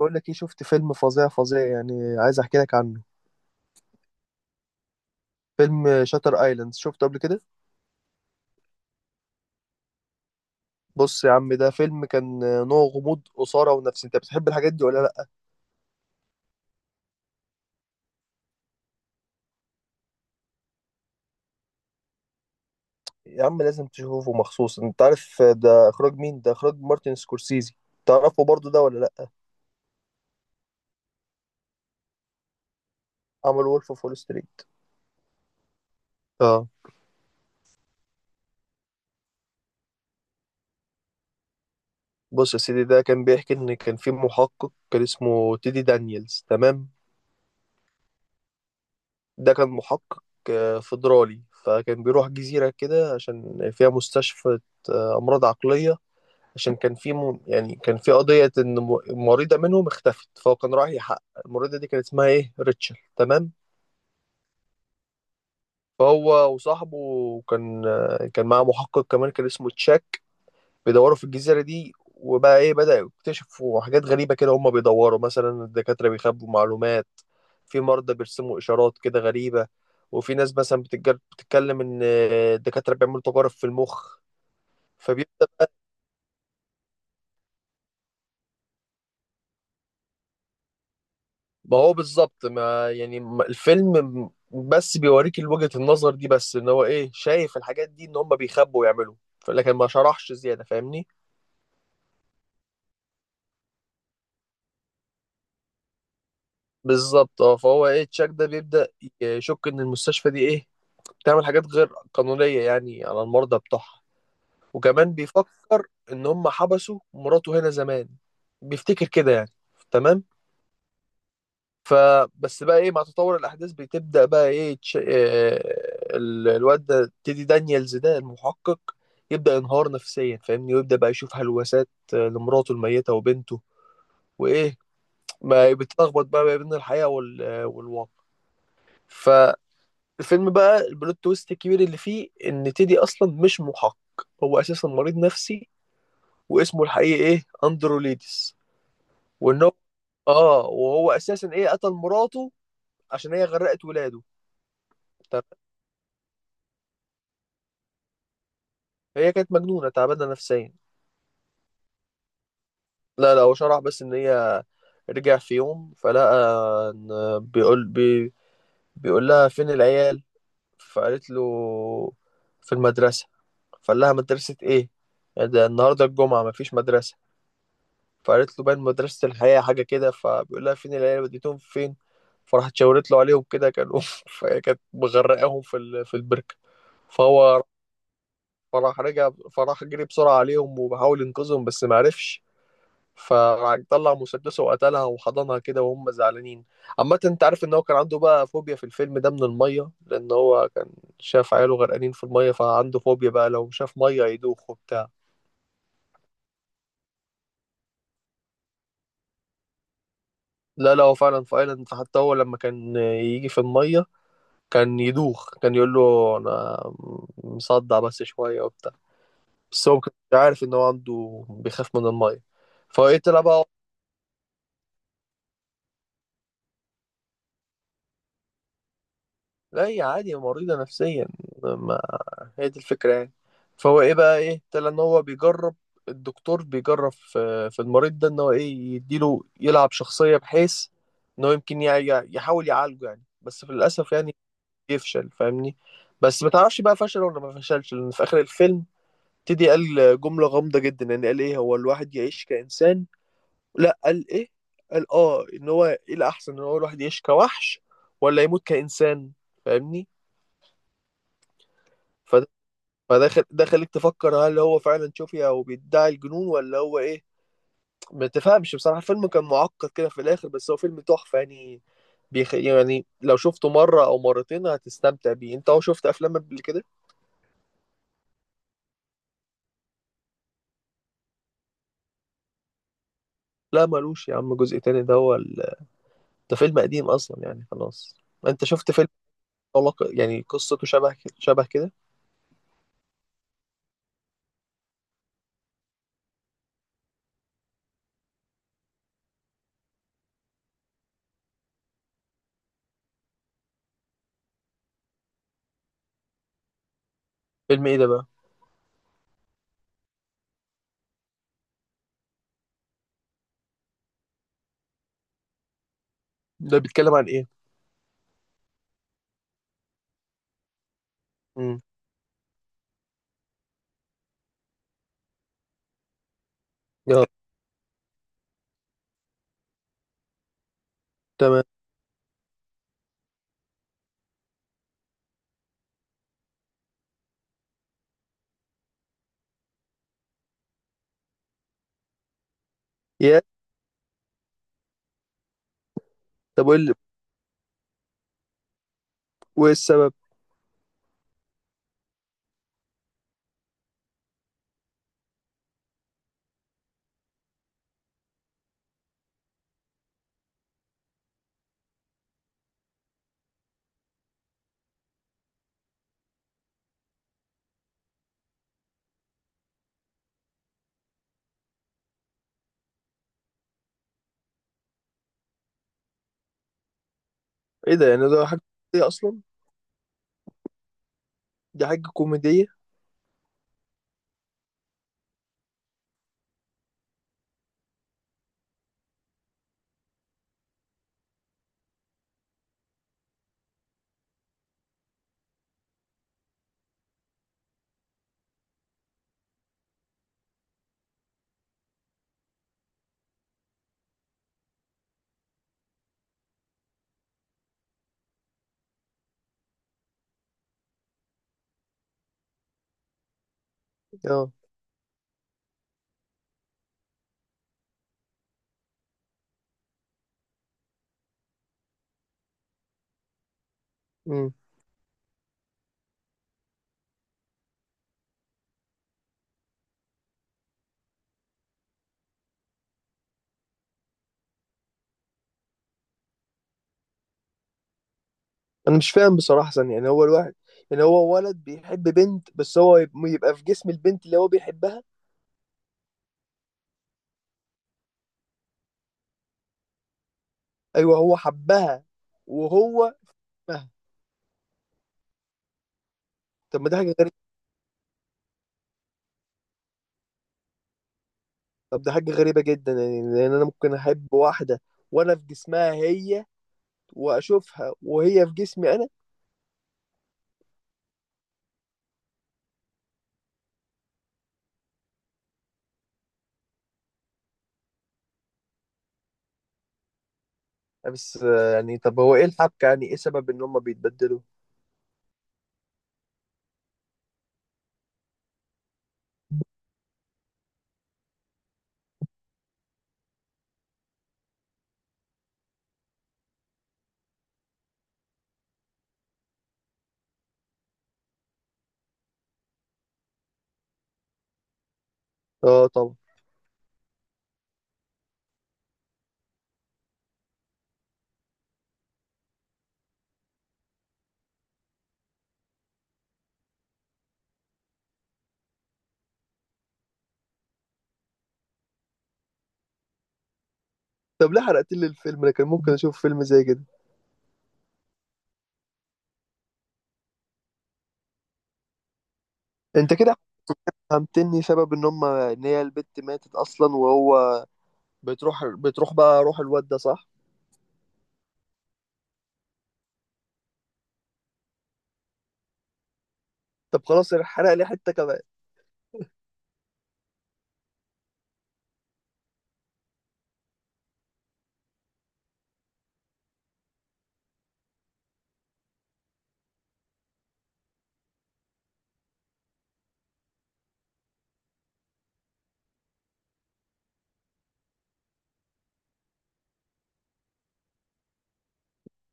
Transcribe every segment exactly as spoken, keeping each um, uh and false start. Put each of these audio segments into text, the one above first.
بقول لك ايه؟ شفت فيلم فظيع فظيع يعني، عايز احكي لك عنه. فيلم شاتر ايلاند، شفته قبل كده؟ بص يا عم، ده فيلم كان نوع غموض اثاره، ونفسي انت بتحب الحاجات دي ولا لا؟ يا عم لازم تشوفه مخصوص. انت عارف ده اخراج مين؟ ده اخراج مارتن سكورسيزي. تعرفه برضو ده ولا لا؟ عمل وولف اوف وول ستريت. اه. بص يا سيدي، ده كان بيحكي ان كان في محقق، كان اسمه تيدي دانييلز، تمام. ده كان محقق آه، فدرالي، فكان بيروح جزيرة كده عشان فيها مستشفى آه، أمراض عقلية. عشان كان في م... يعني كان في قضية إن م- مريضة منهم اختفت، فهو كان رايح يحقق. المريضة دي كان اسمها إيه؟ ريتشل، تمام. فهو وصاحبه كان كان معاه محقق كمان كان اسمه تشاك. بيدوروا في الجزيرة دي، وبقى إيه، بدأوا يكتشفوا حاجات غريبة كده. هما بيدوروا، مثلا الدكاترة بيخبوا معلومات، في مرضى بيرسموا إشارات كده غريبة، وفي ناس مثلا بتتج- بتتكلم إن الدكاترة بيعملوا تجارب في المخ. فبيبدأ. ما هو بالظبط، ما يعني ما- الفيلم م- بس بيوريك وجهة النظر دي، بس ان هو ايه، شايف الحاجات دي ان هم بيخبوا ويعملوا، لكن ما شرحش زيادة، فاهمني. بالظبط اه. فهو ايه، تشاك ده بيبدأ يشك ان المستشفى دي ايه، بتعمل حاجات غير قانونية يعني، على المرضى بتوعها. وكمان بيفكر ان هم حبسوا مراته هنا زمان، بيفتكر كده يعني. تمام. فبس بقى ايه، مع تطور الاحداث بتبدا بقى ايه تش... آه، ال- الواد ده تيدي دانييلز ده المحقق يبدا ينهار نفسيا، فاهمني، ويبدا بقى يشوف هلوسات آه، لمراته الميته وبنته وايه. ما بتلخبط بقى ما بين الحقيقه وال... آه، والواقع. فالفيلم بقى البلوت تويست الكبير اللي فيه ان تيدي اصلا مش محقق، هو اساسا مريض نفسي، واسمه الحقيقي ايه، اندرو ليدس. وان هو اه وهو اساسا ايه، قتل مراته عشان هي غرقت ولاده. هي كانت مجنونة، تعبانة نفسيا. لا لا، هو شرح بس إن هي رجع في يوم فلقى إن، بيقول بي بيقول لها فين العيال؟ فقالت له في المدرسة. فقال لها مدرسة إيه يعني، ده النهاردة الجمعة مفيش مدرسة. فقالت له باين مدرسة الحياة حاجة كده. فبيقول لها فين العيال؟ وديتهم فين؟ فراحت شاورت له عليهم كده، كانوا فهي كانت مغرقاهم في ال... في البركة. فهو فراح رجع، فراح جري بسرعة عليهم وبحاول ينقذهم بس معرفش. فطلع مسدسه وقتلها وحضنها كده وهم زعلانين. عامة انت عارف ان هو كان عنده بقى فوبيا في الفيلم ده من المية، لان هو كان شاف عياله غرقانين في المية. فعنده فوبيا بقى، لو شاف مية يدوخ وبتاع. لا لا، هو فعلا في ايلاند. فحتى هو لما كان يجي في المية كان يدوخ، كان يقول له انا مصدع بس شوية وبتاع. بس هو ما كانش عارف ان هو عنده بيخاف من المية. فهو ايه، طلع بقى. لا هي عادي مريضة نفسيا، هي دي الفكرة يعني. فهو ايه بقى ايه، ابتدى ان هو بيجرب. الدكتور بيجرب في في المريض ده ان هو ايه، يديله يلعب شخصية بحيث ان هو يمكن يع- يع- يحاول يعالجه يعني، بس في للأسف يعني يفشل، فاهمني. بس ما تعرفش بقى فشل ولا ما فشلش، لأن في آخر الفيلم ابتدي قال جملة غامضة جدا يعني. قال ايه، هو الواحد يعيش كإنسان؟ لا قال ايه، قال اه ان هو ايه، الأحسن ان هو الواحد يعيش كوحش ولا يموت كإنسان. فاهمني. فده فده خل... ده خليك تفكر هل هو فعلا شوفي او بيدعي الجنون، ولا هو ايه. ما تفهمش بصراحه، الفيلم كان معقد كده في الاخر، بس هو فيلم تحفه يعني. بيخ... يعني لو شفته مره او مرتين هتستمتع بيه. انت هو شفت افلام قبل كده؟ لا ملوش يا عم جزء تاني. ده هو ال... ده فيلم قديم اصلا يعني، خلاص. انت شفت فيلم علاقة- يعني قصته شبه كده شبه كده. فيلم ايه ده بقى؟ ده بيتكلم عن ايه؟ امم. يلا. تمام. يا. طب وايه اللي- وإيه السبب؟ ايه ده؟ يعني ده حاجه كوميدية اصلا؟ دي حاجه كوميديه. اه. امم. انا مش فاهم بصراحه، ثانية. يعني هو الواحد، يعني هو ولد بيحب بنت بس هو يب- يبقى في جسم البنت اللي هو بيحبها؟ ايوه هو حبها وهو. مه. طب ما ده حاجه غريبه. طب ده حاجه غريبه جدا يعني، لان انا ممكن احب واحده وانا في جسمها هي، واشوفها وهي في جسمي انا. بس آه، يعني طب هو ايه الحبكه؟ يعني ايه سبب ان هم بيتبدلوا؟ اه طبعا. طب ليه حرقت لي الفيلم؟ انا كان ممكن اشوف فيلم زي كده. انت كده فهمتني سبب ان هم ان هي البت ماتت اصلا، وهو بتروح بتروح بقى روح الواد ده، صح؟ طب خلاص يعني، حرق لي حته كمان.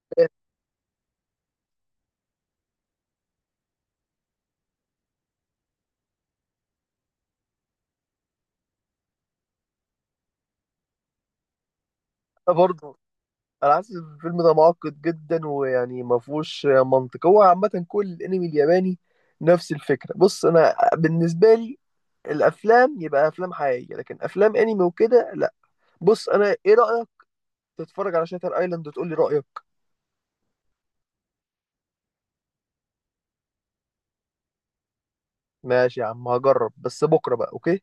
أنا برضه انا حاسس إن الفيلم ده معقد جدا، ويعني ما فيهوش منطق. هو عامه كل الانمي الياباني نفس الفكره. بص انا بالنسبه لي، الافلام يبقى افلام حقيقيه، لكن افلام انمي وكده لا. بص انا ايه رايك تتفرج على شاتر ايلاند وتقول لي رايك؟ ماشي يا عم هجرب، بس بكره بقى، اوكي.